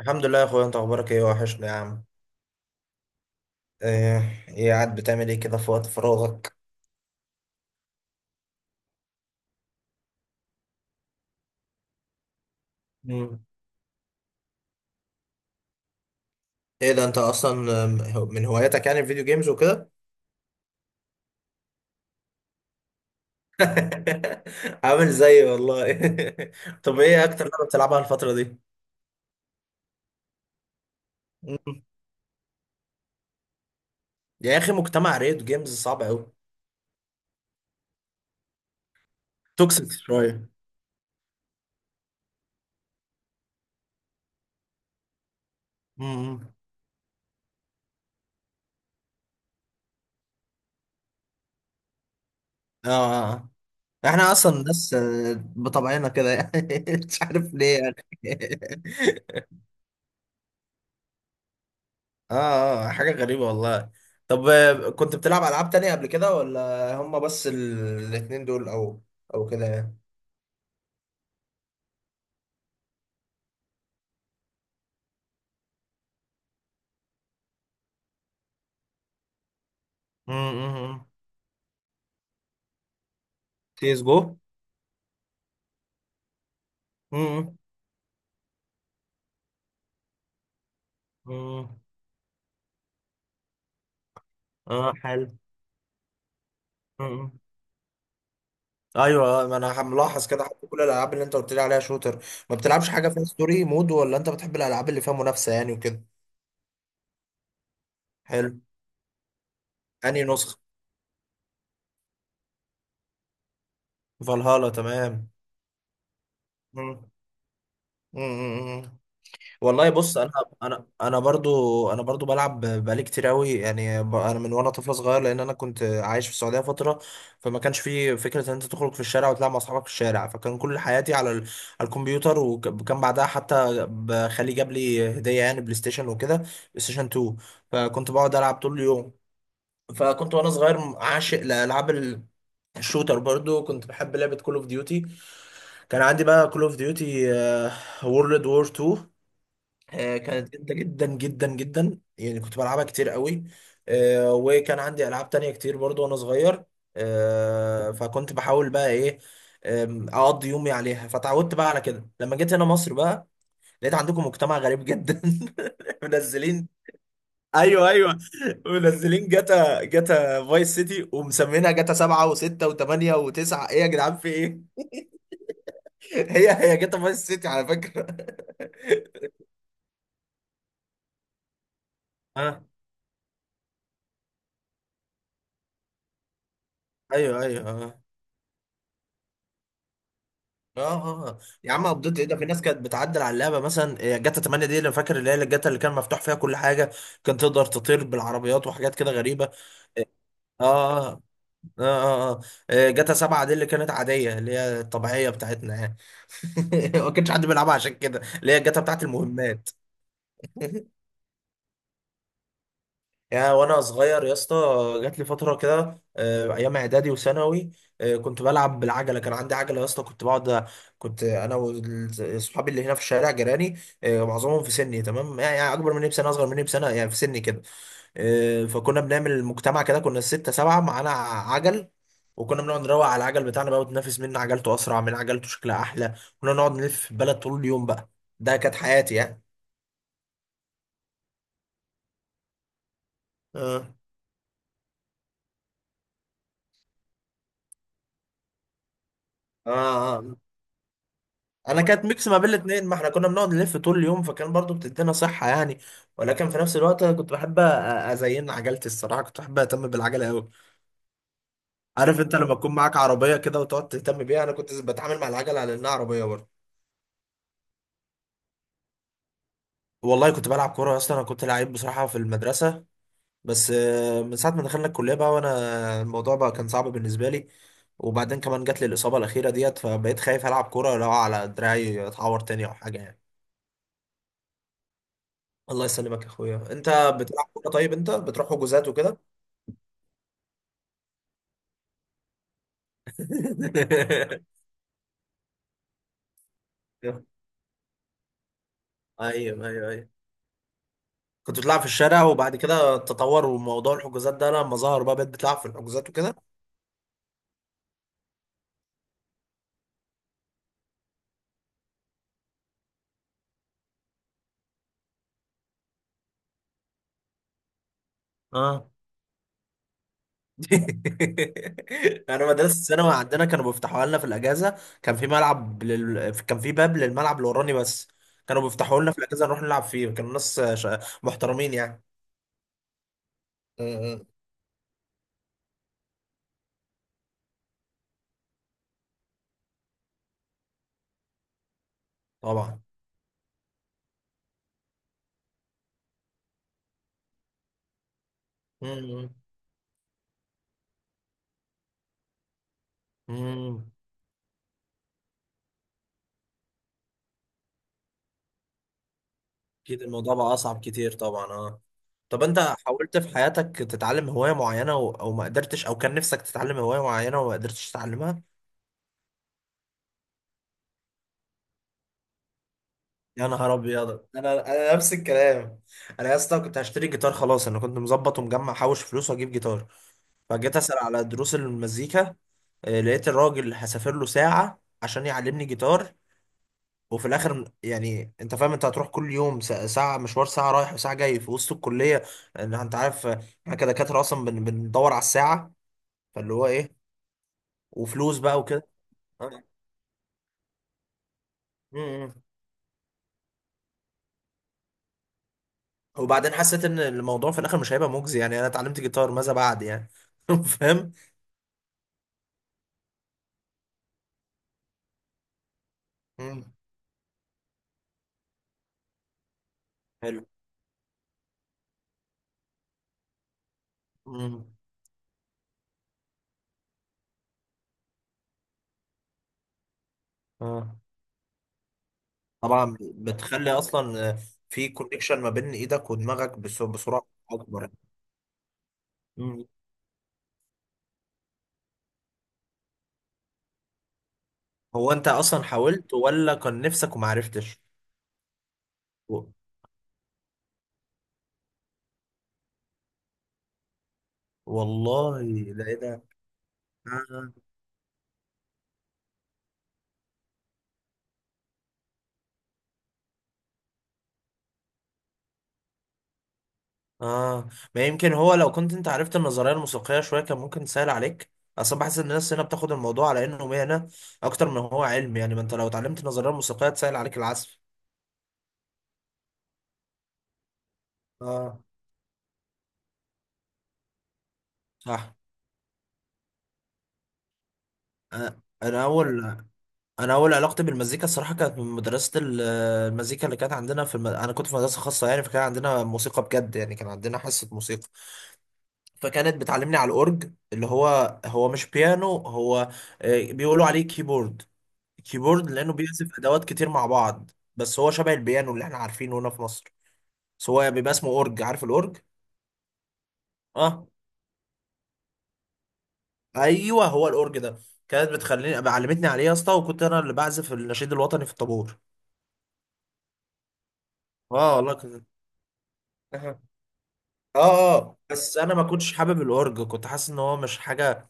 الحمد لله يا اخويا، انت اخبارك ايه؟ وحشني يا عم. ايه قاعد بتعمل ايه كده في وقت فراغك؟ مم. ايه ده؟ انت اصلا من هواياتك يعني الفيديو جيمز وكده؟ عامل زيي والله. طب ايه اكتر لعبه بتلعبها الفتره دي؟ مم. يا اخي مجتمع ريد جيمز صعب قوي. توكسيك شويه. مم. اه آه. احنا اصلا ناس بطبعنا كده يعني، مش عارف ليه يعني. اه اه، حاجة غريبة والله. طب كنت بتلعب ألعاب تانية قبل كده، ولا هما بس الاتنين دول أو أو كده يعني؟ تيس جو. مم. مم. اه حلو. مم. ايوه ما انا ملاحظ كده، حتى كل الالعاب اللي انت قلت لي عليها شوتر، ما بتلعبش حاجه فيها ستوري مود؟ ولا انت بتحب الالعاب اللي فيها منافسه يعني وكده؟ حلو. انهي نسخه؟ فالهالا، تمام. مم. مم. والله بص، انا برضو، انا برضو بلعب بقالي كتير قوي يعني، انا من وانا طفل صغير، لان انا كنت عايش في السعوديه فتره، فما كانش في فكره ان انت تخرج في الشارع وتلعب مع اصحابك في الشارع، فكان كل حياتي على على الكمبيوتر، وكان بعدها حتى خالي جاب لي هديه يعني بلاي ستيشن وكده، بلاي ستيشن 2. فكنت بقعد العب طول اليوم. فكنت وانا صغير عاشق لالعاب الشوتر، برضو كنت بحب لعبه كول اوف ديوتي. كان عندي بقى كول اوف ديوتي وورلد وور 2. كانت جامده جدا جدا جدا يعني، كنت بلعبها كتير قوي. وكان عندي العاب تانية كتير برضو وانا صغير. فكنت بحاول بقى ايه، اقضي يومي عليها. فتعودت بقى على كده، لما جيت هنا مصر بقى لقيت عندكم مجتمع غريب جدا. منزلين. ايوه ايوه، منزلين جاتا، جاتا فايس سيتي ومسمينها جاتا سبعة وستة وثمانية وتسعة، ايه يا جدعان في ايه؟ هي هي جاتا فايس سيتي على فكرة. اه ايوه ايوه. اه اه اه. يا عم قبضت ايه، ده في ناس كانت بتعدل على اللعبه، مثلا جاتا 8 دي اللي فاكر، اللي هي الجاتا اللي كان مفتوح فيها كل حاجه، كان تقدر تطير بالعربيات وحاجات كده غريبه. اه اه اه اه جاتا 7 دي اللي كانت عاديه، اللي هي الطبيعيه بتاعتنا يعني. ما كانش حد بيلعبها عشان كده، اللي هي الجاتا بتاعت المهمات. يا وانا صغير يا اسطى، جات لي فتره كده، ايام اعدادي وثانوي، كنت بلعب بالعجله، كان عندي عجله يا اسطى، كنت بقعد، كنت انا واصحابي اللي هنا في الشارع جيراني، معظمهم في سني تمام يعني، يعني اكبر مني بسنه، اصغر مني بسنه، يعني في سني كده. فكنا بنعمل مجتمع كده، كنا سته سبعه معانا عجل، وكنا بنقعد نروق على العجل بتاعنا بقى، وتنافس مين عجلته اسرع، مين عجلته شكلها احلى. كنا نقعد نلف في البلد طول اليوم بقى، ده كانت حياتي يعني. اه اه آه. انا كانت ميكس ما بين الاتنين، ما احنا كنا بنقعد نلف طول اليوم، فكان برضو بتدينا صحة يعني. ولكن في نفس الوقت أنا كنت بحب ازين عجلتي الصراحة، كنت بحب اهتم بالعجلة قوي. عارف انت لما تكون معاك عربية كده وتقعد تهتم بيها، انا كنت بتعامل مع العجلة على انها عربية برضو. والله كنت بلعب كورة، اصلا انا كنت لعيب بصراحة في المدرسة، بس من ساعة ما دخلنا الكلية بقى، وانا الموضوع بقى كان صعب بالنسبة لي، وبعدين كمان جات لي الإصابة الأخيرة ديت، فبقيت خايف ألعب كورة لو على دراعي أتعور تاني أو حاجة يعني. الله يسلمك يا اخويا. انت بتلعب كوره؟ طيب انت بتروح حجوزات وكده؟ ايوه ايوه ايوه. كنت بتلعب في الشارع، وبعد كده تطور وموضوع الحجوزات ده لما ظهر بقى، بقيت بتلعب في الحجوزات وكده. اه. انا مدرسه الثانوي عندنا كانوا بيفتحوها لنا في الاجازه. كان في ملعب لل... كان في باب للملعب اللي وراني بس، كانوا بيفتحوا لنا في الاجازه نروح نلعب فيه. كانوا ناس محترمين يعني. أمم. طبعا. أمم. أمم. اكيد الموضوع بقى اصعب كتير طبعا، اه. طب انت حاولت في حياتك تتعلم هواية معينة و... او ما قدرتش؟ او كان نفسك تتعلم هواية معينة وما قدرتش تتعلمها؟ يا نهار ابيض، انا انا نفس الكلام. انا يا اسطى كنت هشتري جيتار خلاص، انا كنت مظبط ومجمع حوش فلوس واجيب جيتار، فجيت اسأل على دروس المزيكا. لقيت الراجل هسافر له ساعة عشان يعلمني جيتار، وفي الاخر يعني انت فاهم، انت هتروح كل يوم ساعة، ساعة مشوار، ساعة رايح وساعة جاي في وسط الكلية، ان انت عارف احنا كدكاترة اصلا بندور على الساعة، فاللي هو ايه، وفلوس بقى وكده. آه. م- م. وبعدين حسيت ان الموضوع في الاخر مش هيبقى مجزي يعني، انا اتعلمت جيتار ماذا بعد يعني؟ فاهم؟ م. حلو. م. آه. طبعا بتخلي اصلا في كونكشن ما بين ايدك ودماغك بسرعة اكبر. م. هو انت اصلا حاولت، ولا كان نفسك وما عرفتش؟ والله، ده ايه ده؟ آه. اه. ما يمكن هو لو كنت انت عرفت النظريه الموسيقيه شويه كان ممكن تسهل عليك. اصلا بحس ان الناس هنا بتاخد الموضوع على انه مهنه اكتر من هو علم يعني. ما انت لو اتعلمت النظريه الموسيقيه تسهل عليك العزف. اه. صح. آه. انا اول علاقتي بالمزيكا الصراحه كانت من مدرسه المزيكا اللي كانت عندنا في الم... انا كنت في مدرسه خاصه يعني، فكان عندنا موسيقى بجد يعني، كان عندنا حصه موسيقى، فكانت بتعلمني على الاورج اللي هو، هو مش بيانو، هو بيقولوا عليه كيبورد. كيبورد لانه بيعزف ادوات كتير مع بعض، بس هو شبه البيانو اللي احنا عارفينه هنا في مصر، بس هو بيبقى اسمه اورج. عارف الاورج؟ اه ايوه، هو الاورج ده. كانت علمتني عليه يا اسطى، وكنت انا اللي بعزف النشيد الوطني في الطابور. اه والله كنت. اه اه، بس انا ما كنتش حابب الاورج، كنت حاسس ان هو مش حاجه،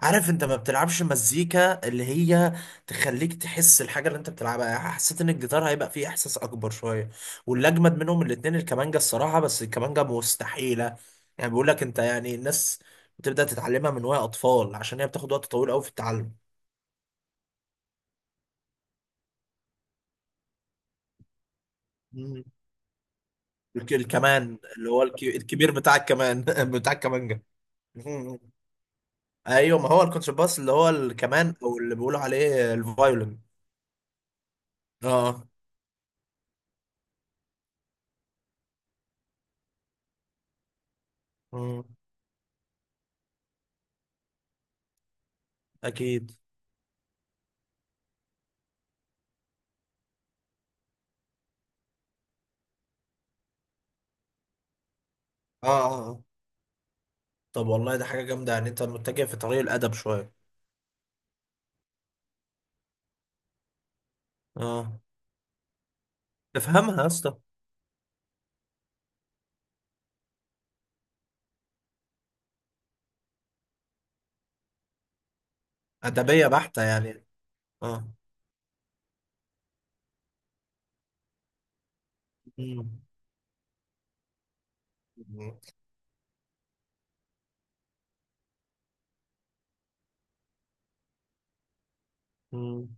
عارف، انت ما بتلعبش مزيكا اللي هي تخليك تحس الحاجة اللي انت بتلعبها يعني. حسيت ان الجيتار هيبقى فيه احساس اكبر شوية، واللي اجمد منهم الاتنين الكمانجة الصراحة، بس الكمانجة مستحيلة يعني، بيقول لك انت يعني الناس بتبدأ تتعلمها من وهي اطفال، عشان هي بتاخد وقت طويل قوي في التعلم. مم. الكمان اللي هو الكبير بتاع الكمان، بتاع الكمانجة. مم. ايوه، ما هو الكونترباس اللي هو الكمان، او اللي بيقولوا عليه الفايولين. اه. مم. اكيد. اه اه. طب والله ده حاجة جامدة يعني، انت متجه في طريق الأدب شوية. اه. تفهمها يا اسطى؟ أدبية بحتة يعني. اه. مم. مم.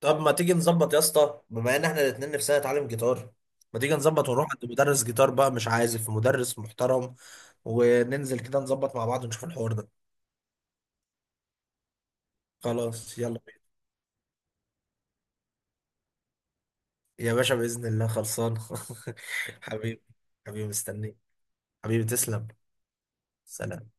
طب ما تيجي نظبط يا اسطى، بما ان احنا الاتنين نفسنا نتعلم جيتار، ما تيجي نظبط ونروح عند مدرس جيتار بقى، مش عازف، مدرس محترم، وننزل كده نظبط مع بعض ونشوف الحوار ده. خلاص يلا بينا. يا باشا بإذن الله خلصان. حبيبي. حبيبي مستنيك. حبيبي تسلم. سلام.